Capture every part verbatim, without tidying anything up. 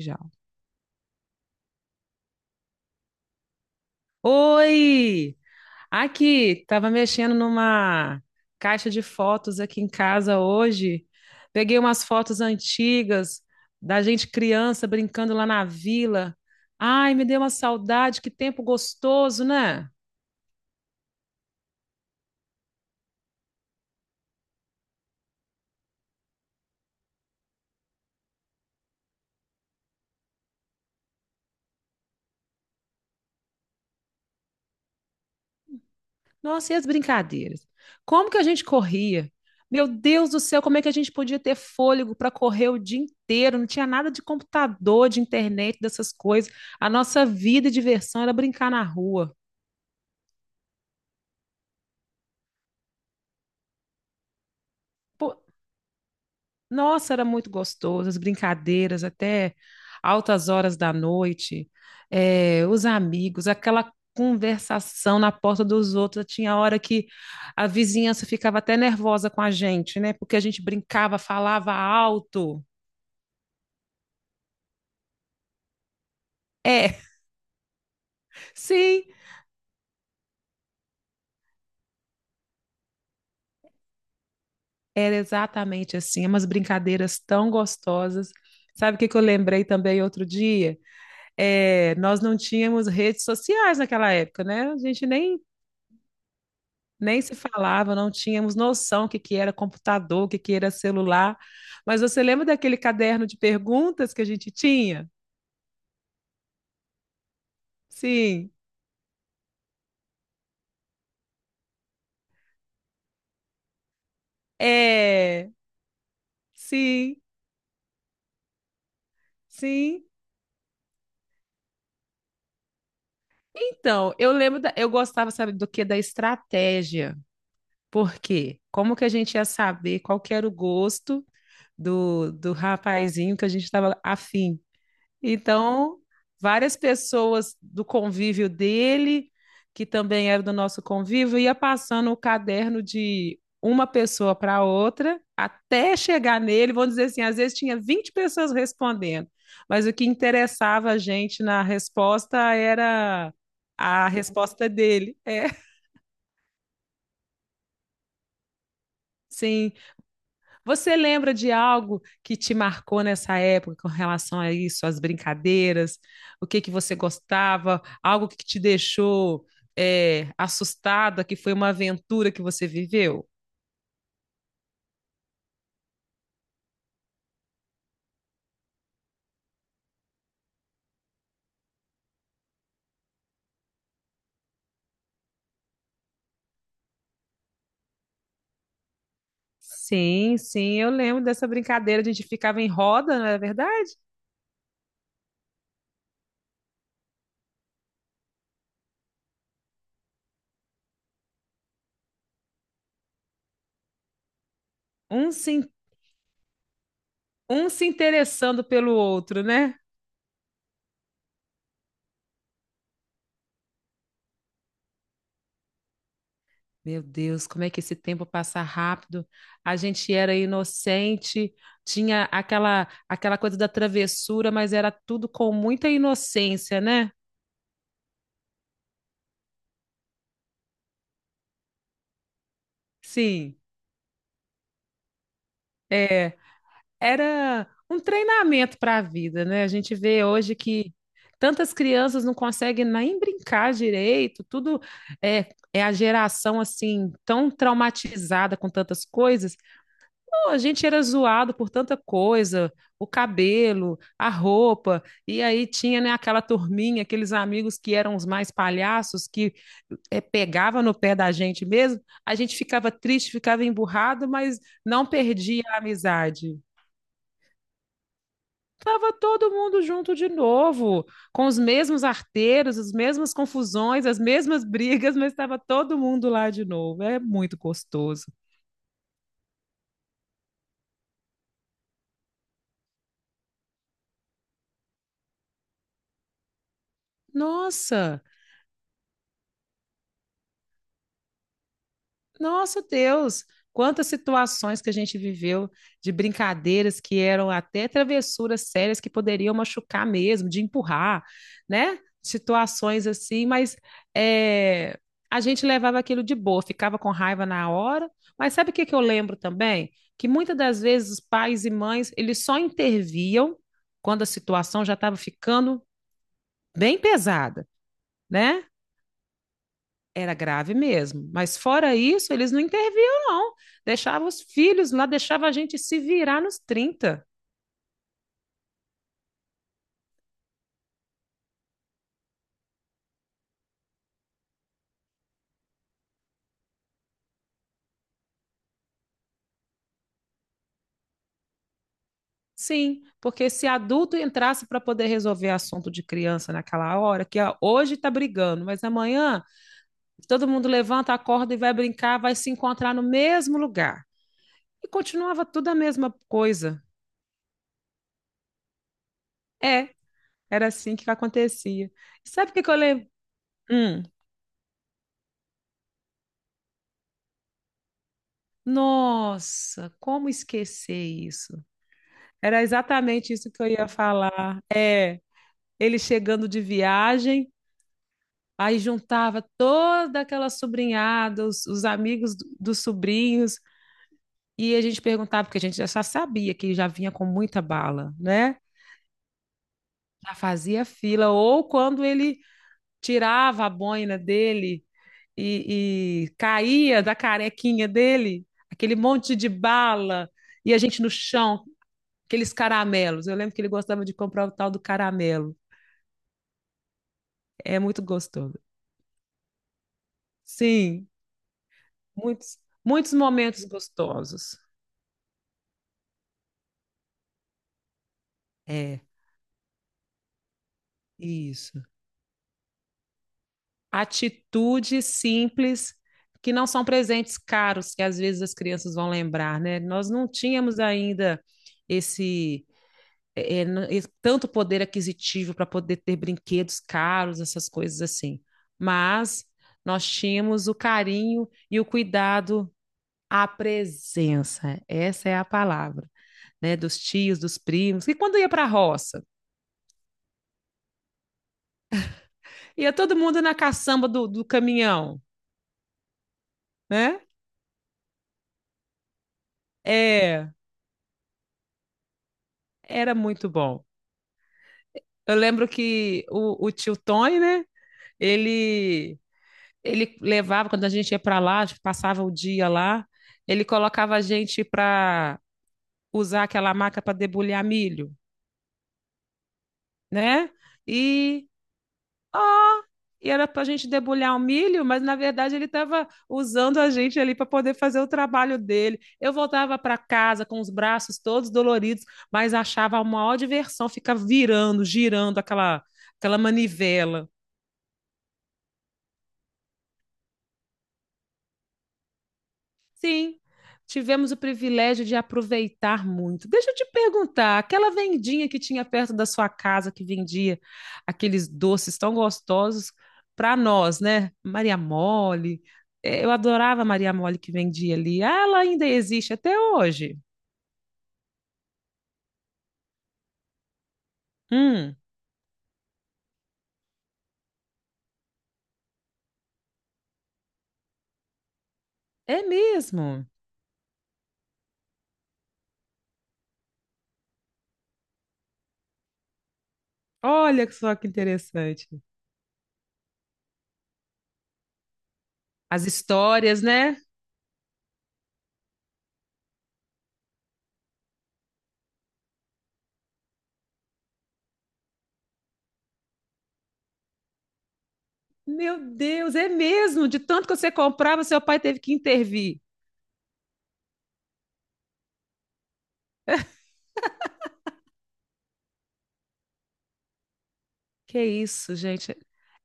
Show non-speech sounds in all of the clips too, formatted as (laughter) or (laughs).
Já. Oi! Aqui, tava mexendo numa caixa de fotos aqui em casa hoje. Peguei umas fotos antigas da gente criança brincando lá na vila. Ai, me deu uma saudade, que tempo gostoso, né? Nossa, e as brincadeiras? Como que a gente corria? Meu Deus do céu, como é que a gente podia ter fôlego para correr o dia inteiro? Não tinha nada de computador, de internet, dessas coisas. A nossa vida e diversão era brincar na rua. Pô, nossa, era muito gostoso, as brincadeiras até altas horas da noite, eh, os amigos, aquela conversação na porta dos outros. Tinha hora que a vizinhança ficava até nervosa com a gente, né? Porque a gente brincava, falava alto. É, (laughs) sim, era exatamente assim, umas brincadeiras tão gostosas. Sabe o que que eu lembrei também outro dia? Eh, nós não tínhamos redes sociais naquela época, né? A gente nem nem se falava, não tínhamos noção o que que era computador, o que que era celular. Mas você lembra daquele caderno de perguntas que a gente tinha? Sim, é, sim, sim. Então, eu lembro, da- eu gostava, sabe, do que? Da estratégia. Por quê? Como que a gente ia saber qual que era o gosto do, do rapazinho que a gente estava afim? Então, várias pessoas do convívio dele, que também era do nosso convívio, ia passando o caderno de uma pessoa para outra até chegar nele. Vamos dizer assim, às vezes tinha vinte pessoas respondendo, mas o que interessava a gente na resposta era a resposta dele. É, sim. Você lembra de algo que te marcou nessa época com relação a isso, as brincadeiras, o que que você gostava, algo que te deixou é, assustada, que foi uma aventura que você viveu? Sim, sim, eu lembro dessa brincadeira, a gente ficava em roda, não é verdade? Um se, um se interessando pelo outro, né? Meu Deus, como é que esse tempo passa rápido? A gente era inocente, tinha aquela aquela coisa da travessura, mas era tudo com muita inocência, né? Sim, é, era um treinamento para a vida, né? A gente vê hoje que tantas crianças não conseguem nem brincar direito, tudo é, é a geração assim tão traumatizada com tantas coisas. Pô, a gente era zoado por tanta coisa, o cabelo, a roupa, e aí tinha, né, aquela turminha, aqueles amigos que eram os mais palhaços, que eh, pegava no pé da gente mesmo, a gente ficava triste, ficava emburrado, mas não perdia a amizade. Tava todo mundo junto de novo, com os mesmos arteiros, as mesmas confusões, as mesmas brigas, mas estava todo mundo lá de novo. É muito gostoso. Nossa! Nossa Deus, quantas situações que a gente viveu de brincadeiras que eram até travessuras sérias que poderiam machucar mesmo, de empurrar, né? Situações assim, mas é, a gente levava aquilo de boa, ficava com raiva na hora. Mas sabe o que que eu lembro também? Que muitas das vezes os pais e mães, eles só interviam quando a situação já estava ficando bem pesada, né? Era grave mesmo. Mas fora isso, eles não interviam, não. Deixavam os filhos lá, deixava a gente se virar nos trinta. Sim, porque se adulto entrasse para poder resolver assunto de criança naquela hora, que ó, hoje está brigando, mas amanhã todo mundo levanta, acorda e vai brincar, vai se encontrar no mesmo lugar. E continuava tudo a mesma coisa. É, era assim que acontecia. E sabe o que, que eu lembro? Hum, nossa, como esquecer isso? Era exatamente isso que eu ia falar. É, ele chegando de viagem, aí juntava toda aquela sobrinhada, os, os amigos do- dos sobrinhos, e a gente perguntava, porque a gente já sabia que já vinha com muita bala, né? Já fazia fila, ou quando ele tirava a boina dele e, e caía da carequinha dele, aquele monte de bala, e a gente no chão, aqueles caramelos. Eu lembro que ele gostava de comprar o tal do caramelo. É muito gostoso. Sim. Muitos, muitos momentos gostosos. É, isso. Atitudes simples que não são presentes caros, que às vezes as crianças vão lembrar, né? Nós não tínhamos ainda esse, é, é, n- esse tanto poder aquisitivo para poder ter brinquedos caros, essas coisas assim. Mas nós tínhamos o carinho e o cuidado, a presença, essa é a palavra, né? Dos tios, dos primos, e quando ia para a roça, ia todo mundo na caçamba do, do caminhão, né? É, era muito bom. Eu lembro que o, o tio Tony, né? Ele, ele levava, quando a gente ia para lá, passava o dia lá, ele colocava a gente para usar aquela maca para debulhar milho, né? E e era para a gente debulhar o milho, mas na verdade ele estava usando a gente ali para poder fazer o trabalho dele. Eu voltava para casa com os braços todos doloridos, mas achava a maior diversão ficar virando, girando aquela, aquela manivela. Sim, tivemos o privilégio de aproveitar muito. Deixa eu te perguntar, aquela vendinha que tinha perto da sua casa que vendia aqueles doces tão gostosos para nós, né? Maria Mole. eh, Eu adorava a Maria Mole que vendia ali. Ah, ela ainda existe até hoje. Hum, é mesmo. Olha só que interessante. As histórias, né? Meu Deus, é mesmo. De tanto que você comprava, seu pai teve que intervir. Que isso, gente.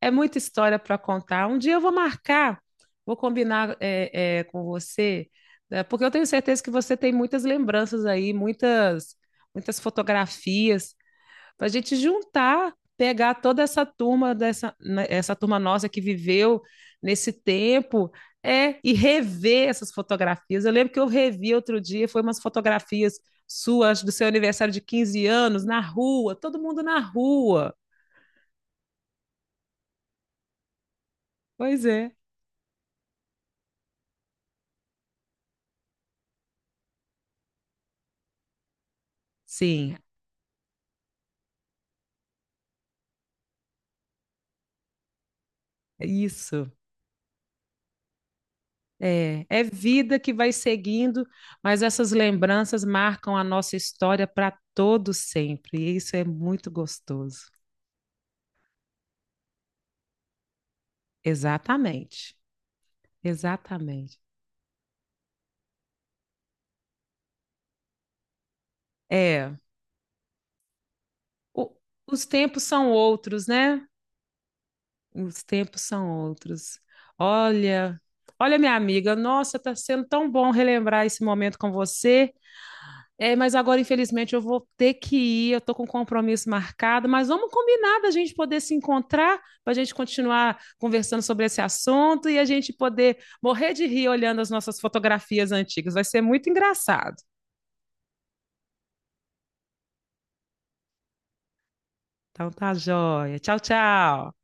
É muita história para contar. Um dia eu vou marcar, vou combinar é, é, com você, né, porque eu tenho certeza que você tem muitas lembranças aí, muitas, muitas fotografias, para a gente juntar, pegar toda essa turma, dessa, né, essa turma nossa que viveu nesse tempo, é, e rever essas fotografias. Eu lembro que eu revi outro dia, foi umas fotografias suas do seu aniversário de quinze anos, na rua, todo mundo na rua. Pois é. Sim, isso. É, é vida que vai seguindo, mas essas lembranças marcam a nossa história para todo sempre. E isso é muito gostoso. Exatamente. Exatamente. É, o- os tempos são outros, né? Os tempos são outros. Olha, olha minha amiga, nossa, tá sendo tão bom relembrar esse momento com você. É, mas agora, infelizmente, eu vou ter que ir, eu estou com um compromisso marcado, mas vamos combinar da gente poder se encontrar, para a gente continuar conversando sobre esse assunto e a gente poder morrer de rir olhando as nossas fotografias antigas. Vai ser muito engraçado. Então tá joia. Tchau, tchau.